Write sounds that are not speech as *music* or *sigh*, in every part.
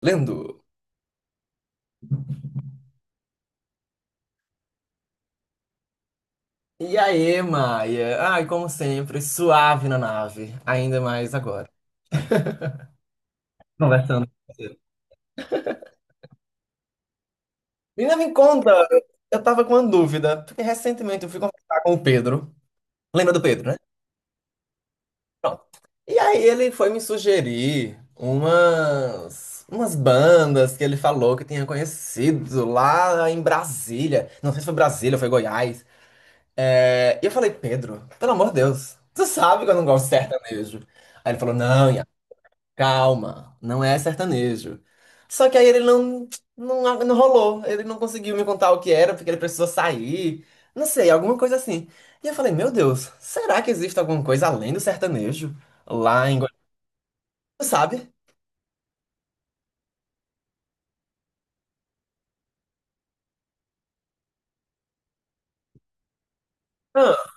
Lendo. E aí, Maia? Ai, como sempre, suave na nave, ainda mais agora. Conversando com você. Menina, me conta, eu tava com uma dúvida, porque recentemente eu fui conversar com o Pedro. Lembra do Pedro, né? Pronto. E aí ele foi me sugerir umas bandas que ele falou que tinha conhecido lá em Brasília. Não sei se foi Brasília ou foi Goiás. E eu falei, Pedro, pelo amor de Deus, tu sabe que eu não gosto de sertanejo. Aí ele falou, não, calma, não é sertanejo. Só que aí ele não, não rolou. Ele não conseguiu me contar o que era, porque ele precisou sair. Não sei, alguma coisa assim. E eu falei, meu Deus, será que existe alguma coisa além do sertanejo? Lá em Goiânia, sabe? Ah,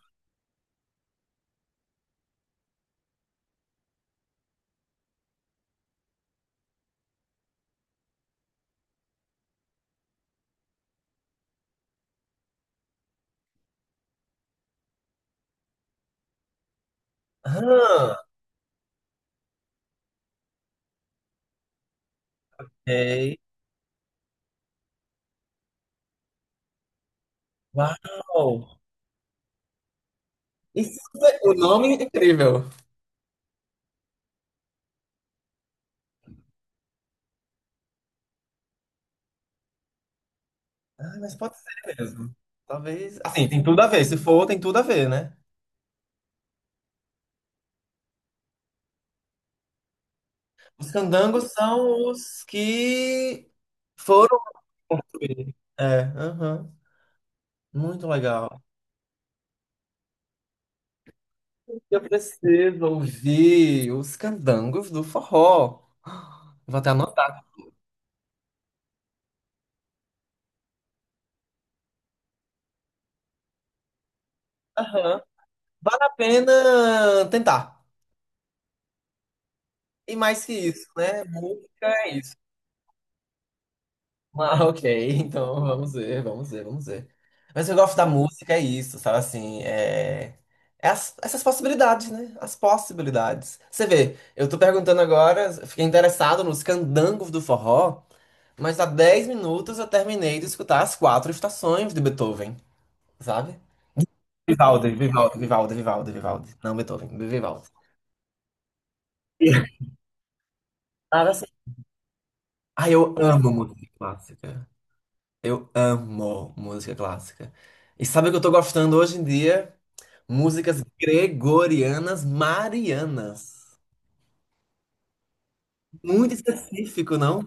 ah, ok. Uau! Isso o nome é incrível. Ah, mas pode ser mesmo. Talvez. Assim, tem tudo a ver. Se for, tem tudo a ver, né? Os candangos são os que foram construir. É, aham. Muito legal. Eu preciso ouvir os candangos do forró. Vou até anotar. Aham. Vale a pena tentar. E mais que isso, né? Música é isso. *laughs* Ah, ok. Então vamos ver, vamos ver, vamos ver. Mas eu gosto da música, é isso, sabe assim? Essas possibilidades, né? As possibilidades. Você vê, eu tô perguntando agora, fiquei interessado nos candangos do forró. Mas há 10 minutos eu terminei de escutar as quatro estações de Beethoven, sabe? Vivaldi, Vivaldi, Vivaldi, Vivaldi, Vivaldi. Não, Beethoven, Vivaldi. Nada assim. Ah, eu amo música clássica. Eu amo música clássica. E sabe o que eu tô gostando hoje em dia? Músicas gregorianas marianas. Muito específico, não?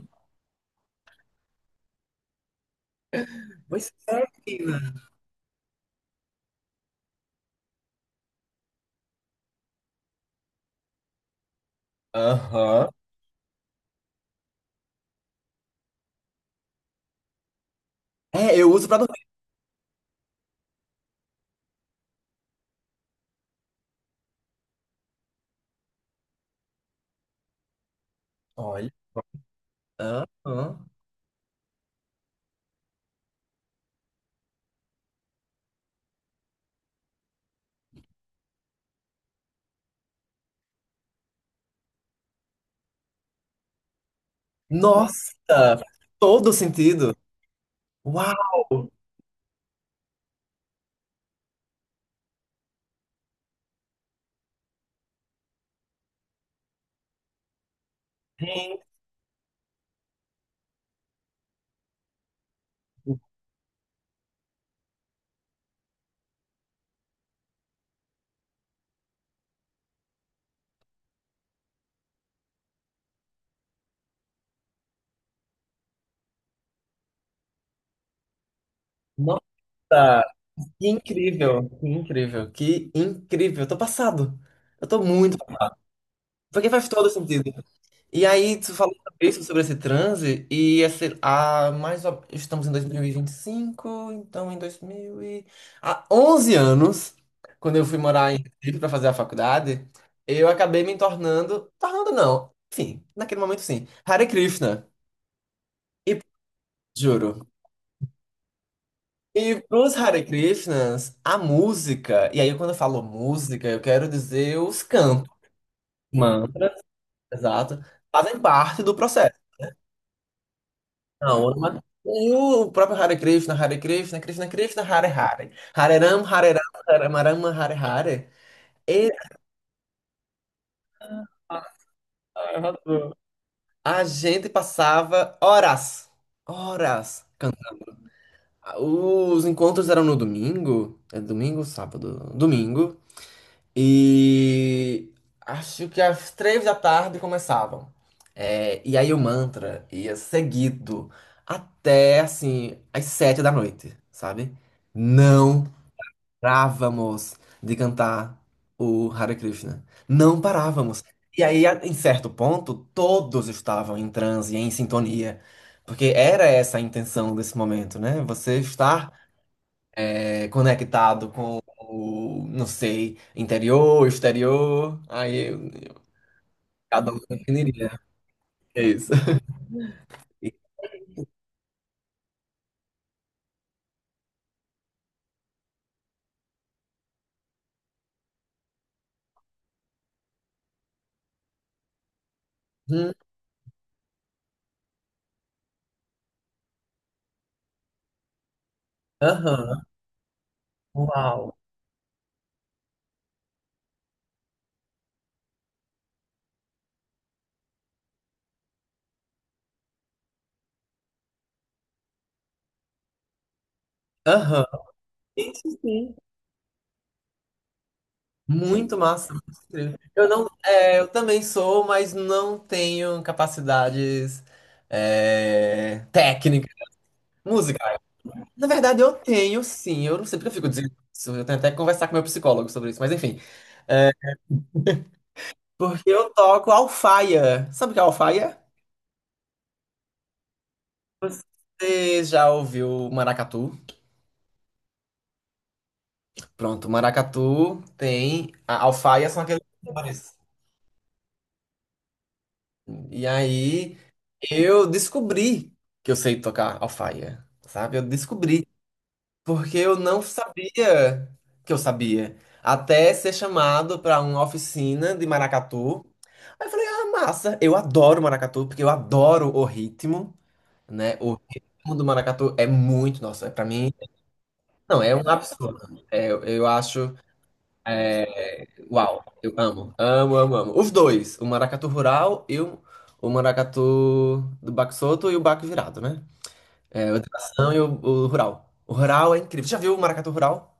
Pois é, menina. Aham. É, eu uso pra dormir. Olha. Aham. Nossa, todo sentido. Uau! Gente, nossa! Que incrível! Que incrível! Que incrível! Eu tô passado! Eu tô muito. Porque faz todo sentido. E aí, tu falou sobre isso, sobre esse transe, e esse, estamos em 2025, então em 2000 e... Há 11 anos, quando eu fui morar em Recife para fazer a faculdade, eu acabei me tornando... Tornando não, enfim, naquele momento sim, Hare Krishna. E juro. E pros Hare Krishnas, a música, e aí quando eu falo música, eu quero dizer os cantos, mantras, exato, fazem parte do processo. Não, e o próprio Hare Krishna, Hare Krishna, Krishna Krishna, Hare Hare, Hare Ram, Hare Ram, Hare Rama, Hare Hare. E *laughs* a gente passava horas, horas cantando. Os encontros eram no domingo, é domingo, sábado, domingo. E acho que às 3 da tarde começavam. É, e aí o mantra ia seguido até assim às 7 da noite, sabe? Não parávamos de cantar o Hare Krishna. Não parávamos. E aí, em certo ponto, todos estavam em transe, em sintonia. Porque era essa a intenção desse momento, né? Você estar conectado com o, não sei, interior, exterior. Aí cada um definiria. É isso. Hum, aham, uau. Aham. Isso sim. Muito massa. Muito incrível. Eu não, é, eu também sou, mas não tenho capacidades técnicas. Música. Na verdade, eu tenho sim. Eu não sei porque eu fico dizendo isso. Eu tenho até que conversar com meu psicólogo sobre isso, mas enfim. É, porque eu toco alfaia. Sabe o que é alfaia? Você já ouviu maracatu? Pronto, maracatu tem a alfaia são aqueles tambores. E aí eu descobri que eu sei tocar alfaia, sabe? Eu descobri porque eu não sabia que eu sabia até ser chamado para uma oficina de maracatu. Aí eu falei, ah, massa, eu adoro maracatu porque eu adoro o ritmo, né? O ritmo do maracatu é muito, nossa, para mim, não, é um absurdo. É, eu acho é, uau, eu amo, amo, amo, amo. Os dois, o maracatu rural e o maracatu do baque solto e o baque virado, né? É, o de tração e o rural. O rural é incrível. Já viu o maracatu rural?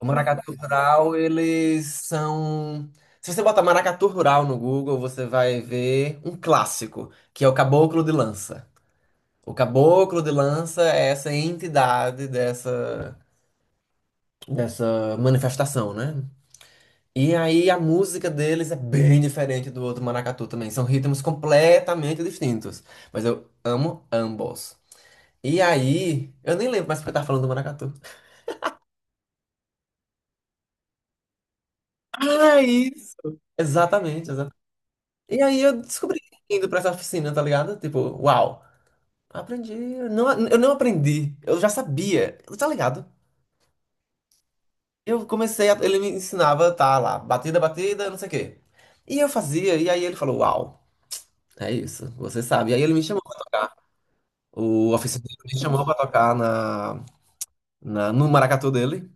O maracatu rural, eles são... Se você botar maracatu rural no Google, você vai ver um clássico, que é o caboclo de lança. O caboclo de lança é essa entidade dessa, manifestação, né? E aí a música deles é bem diferente do outro maracatu também. São ritmos completamente distintos. Mas eu amo ambos. E aí, eu nem lembro mais porque eu tava falando do maracatu. Ah, isso! Exatamente, exatamente. E aí eu descobri indo pra essa oficina, tá ligado? Tipo, uau! Aprendi. Eu não aprendi. Eu já sabia. Tá ligado? Eu comecei a, ele me ensinava, tá lá, batida, batida, não sei o quê. E eu fazia, e aí ele falou, uau, é isso, você sabe. E aí ele me chamou o oficial me chamou pra tocar na, no maracatu dele.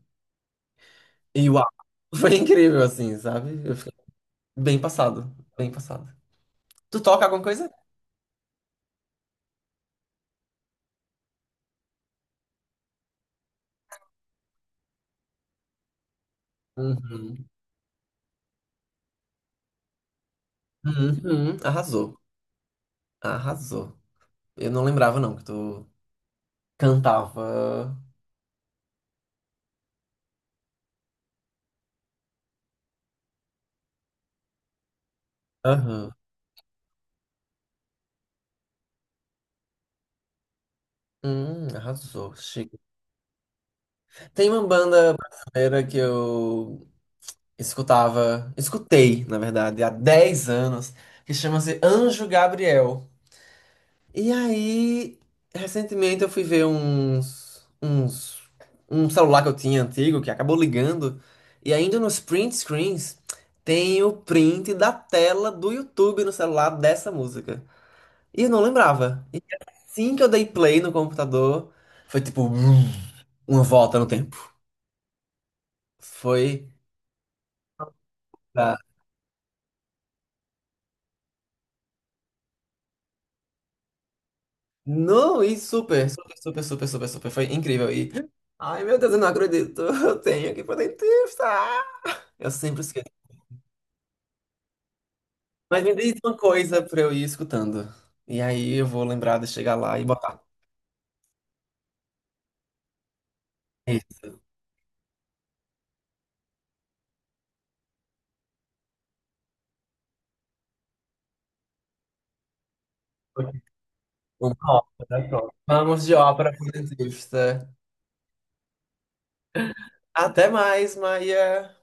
E uau, *laughs* foi incrível, assim, sabe? Eu fiquei bem passado, bem passado. Tu toca alguma coisa? Uhum, uhum, arrasou, arrasou. Eu não lembrava, não, que tu cantava. Aham. Arrasou, chique. Tem uma banda brasileira que eu escutava, escutei, na verdade, há 10 anos, que chama-se Anjo Gabriel. E aí, recentemente eu fui ver uns, um celular que eu tinha antigo que acabou ligando. E ainda nos print screens tem o print da tela do YouTube no celular dessa música. E eu não lembrava. E assim que eu dei play no computador, foi tipo brum, uma volta no tempo. Foi. pra- Não, e super, super, super, super, super, super. Foi incrível. E. Ai, meu Deus, eu não acredito. *laughs* Eu tenho que poder testar. Eu sempre esqueço. Mas me diz uma coisa pra eu ir escutando. E aí eu vou lembrar de chegar lá e botar. Isso. Uma ópera. Pronto. Vamos de ópera francesa. Até mais, Maia.